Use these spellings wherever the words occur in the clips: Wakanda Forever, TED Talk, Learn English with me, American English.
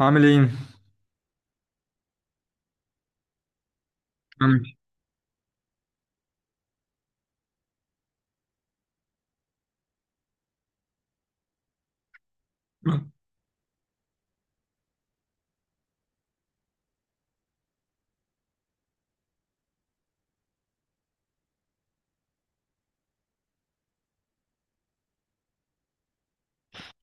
عامل ايه؟ عامل إيه؟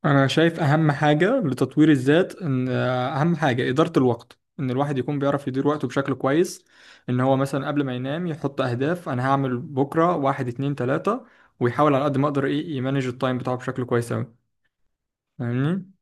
انا شايف اهم حاجة لتطوير الذات ان اهم حاجة إدارة الوقت، ان الواحد يكون بيعرف يدير وقته بشكل كويس. ان هو مثلا قبل ما ينام يحط اهداف انا هعمل بكرة واحد اتنين تلاتة، ويحاول على قد ما اقدر ايه يمانج التايم بتاعه بشكل كويس اوي. فاهمني؟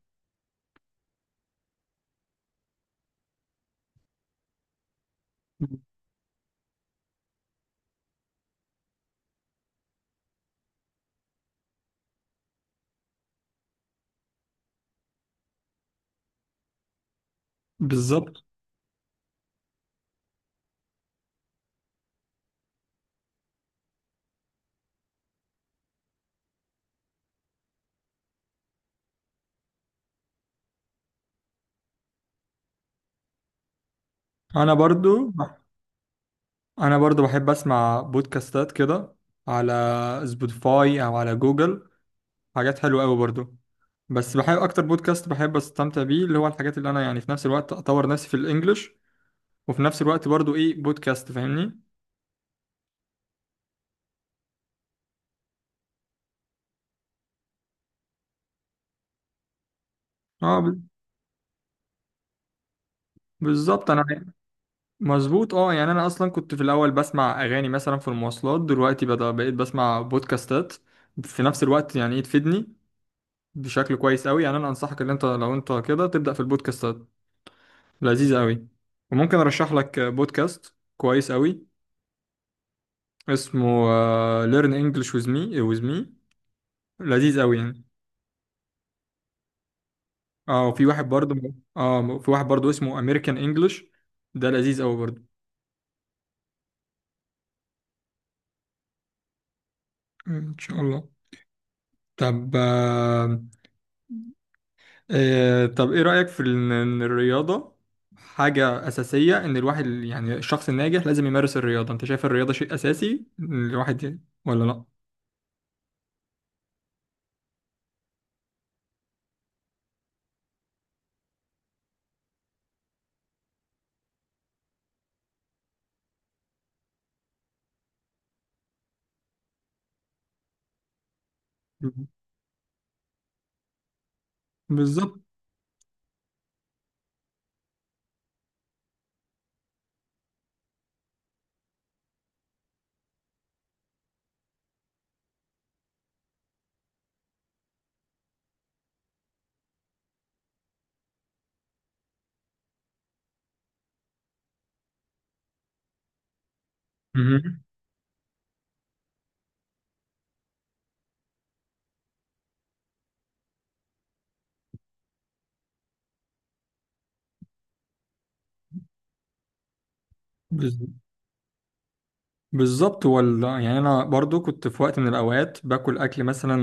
بالظبط. انا برضو انا برضو بحب اسمع بودكاستات كده على سبوتيفاي او على جوجل، حاجات حلوة قوي برضو. بس بحب اكتر بودكاست بحب استمتع بيه اللي هو الحاجات اللي انا يعني في نفس الوقت اطور نفسي في الانجليش، وفي نفس الوقت برضو ايه بودكاست، فاهمني. اه ب- بالظبط انا. مظبوط اه، يعني انا اصلا كنت في الاول بسمع اغاني مثلا في المواصلات، دلوقتي بدأ بقيت بسمع بودكاستات في نفس الوقت يعني ايه تفيدني بشكل كويس قوي. يعني انا انصحك ان انت لو انت كده تبدأ في البودكاستات، لذيذ قوي. وممكن ارشح لك بودكاست كويس قوي، اسمه Learn English with me. with me، لذيذ قوي يعني. اه وفي واحد برضه، في واحد برضه اسمه امريكان انجلش، ده لذيذ قوي برضه. ان شاء الله. طب آه، طب ايه رأيك في ان الرياضة حاجة أساسية؟ ان الواحد يعني الشخص الناجح لازم يمارس الرياضة. انت شايف الرياضة شيء أساسي الواحد ولا لا؟ بالظبط. مهم. بالظبط. بالظبط هو يعني انا برضو كنت في وقت من الاوقات باكل اكل مثلا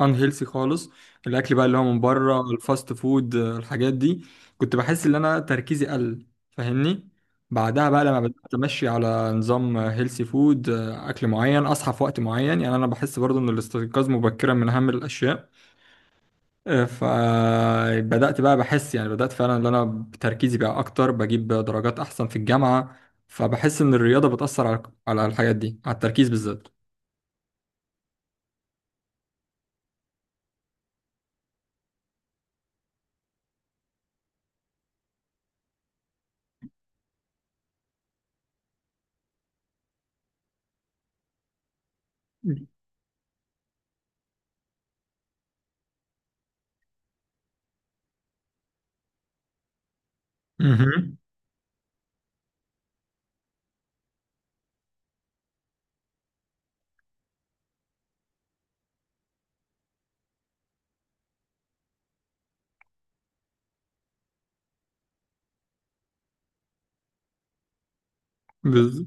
ان هيلثي خالص، الاكل بقى اللي هو من بره، الفاست فود الحاجات دي. كنت بحس ان انا تركيزي قل، فاهمني. بعدها بقى لما بدات امشي على نظام هيلثي فود، اكل معين، اصحى في وقت معين، يعني انا بحس برضو ان الاستيقاظ مبكرا من اهم الاشياء. فبدأت بقى بحس يعني بدأت فعلا ان انا تركيزي بقى اكتر، بجيب درجات احسن في الجامعة. فبحس ان الرياضة بتأثر على على الحاجات دي، على التركيز بالذات. مهم. بز...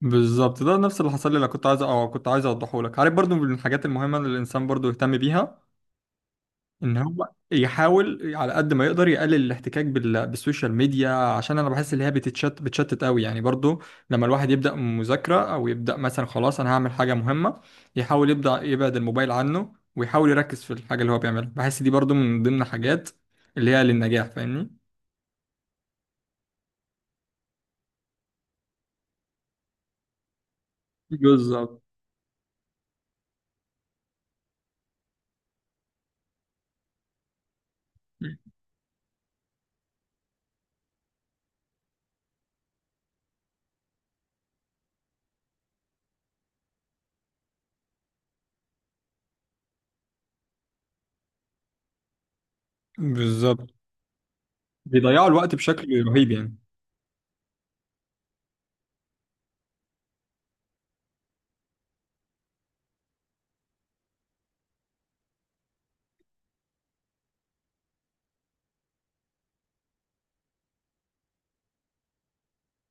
بالظبط، ده نفس اللي حصل لي اللي كنت عايز او كنت عايز اوضحه لك. عارف برضو من الحاجات المهمة اللي الانسان برضو يهتم بيها ان هو يحاول على قد ما يقدر يقلل الاحتكاك بالسوشيال ميديا، عشان انا بحس ان هي بتتشت بتشتت قوي يعني برضو. لما الواحد يبدا مذاكره او يبدا مثلا خلاص انا هعمل حاجه مهمه، يحاول يبدا يبعد الموبايل عنه ويحاول يركز في الحاجه اللي هو بيعملها. بحس دي برضو من ضمن الحاجات اللي هي للنجاح، فاهمني. بالظبط. بالظبط، بيضيعوا الوقت بشكل رهيب يعني.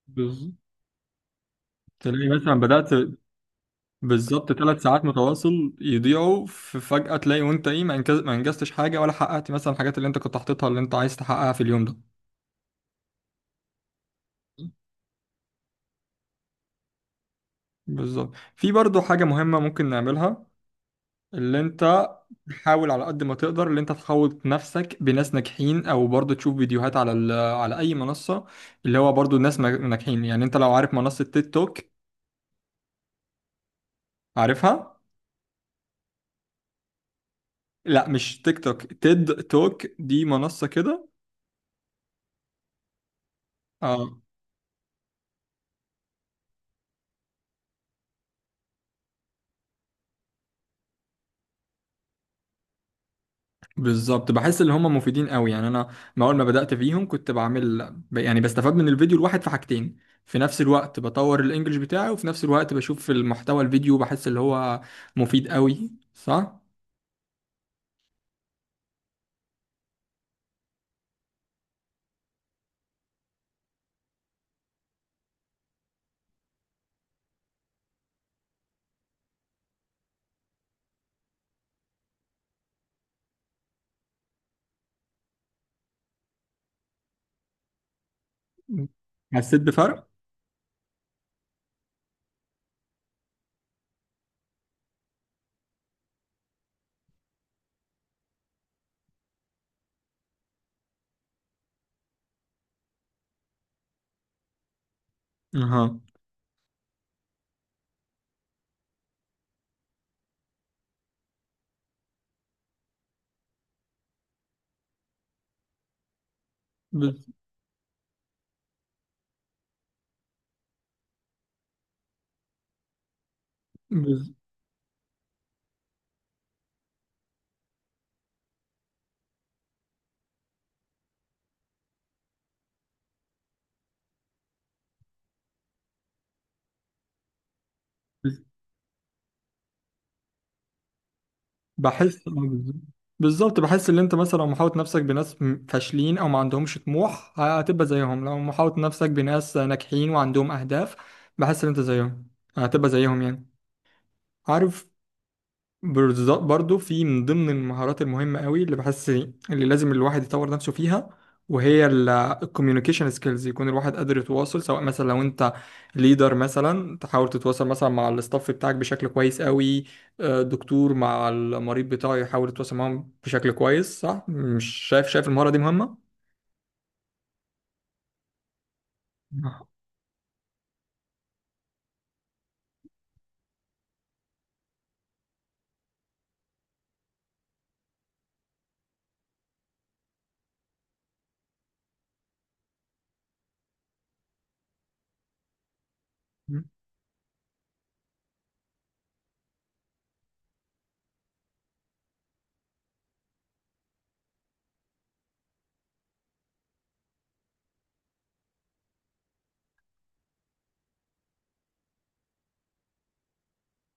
بالظبط. تلاقي مثلا بدأت، بالظبط ثلاث ساعات متواصل يضيعوا في فجأة، تلاقي وانت ايه ما انجزتش حاجة ولا حققت مثلا الحاجات اللي انت كنت حاططها اللي انت عايز تحققها في اليوم ده. بالظبط، في برضو حاجة مهمة ممكن نعملها اللي انت تحاول على قد ما تقدر اللي انت تحوط نفسك بناس ناجحين، او برضو تشوف فيديوهات على على اي منصة اللي هو برضو ناس ناجحين. يعني انت لو عارف منصة تيد توك، عارفها؟ لا، مش تيك توك، تيد توك دي منصة كده. آه، بالظبط بحس ان هم مفيدين قوي يعني. انا ما اول ما بدأت فيهم كنت بعمل يعني بستفاد من الفيديو الواحد في حاجتين في نفس الوقت، بطور الانجليش بتاعي وفي نفس الوقت بشوف المحتوى الفيديو، بحس اللي هو مفيد قوي، صح. حسيت بفرق. اها. بز... بز... بز... بحس بالظبط. بالظبط بحس ان انت مثلا لو محاوط نفسك بناس فاشلين او ما عندهمش طموح هتبقى زيهم، لو محاوط نفسك بناس ناجحين وعندهم اهداف بحس ان انت زيهم، هتبقى زيهم يعني، عارف. بالظبط برضو في من ضمن المهارات المهمة قوي اللي بحس اللي لازم الواحد يطور نفسه فيها وهي الكوميونيكيشن سكيلز، يكون الواحد قادر يتواصل. سواء مثلا لو انت ليدر مثلا تحاول تتواصل مثلا مع الاستاف بتاعك بشكل كويس قوي، دكتور مع المريض بتاعه يحاول يتواصل معاهم بشكل كويس، صح؟ مش شايف شايف المهارة دي مهمة؟ آه.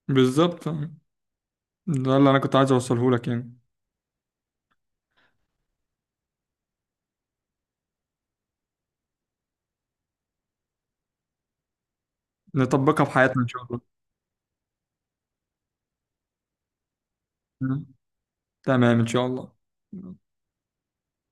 بالظبط، ده اللي انا كنت عايز اوصله لك يعني. نطبقها في حياتنا ان شاء الله. تمام ان شاء الله.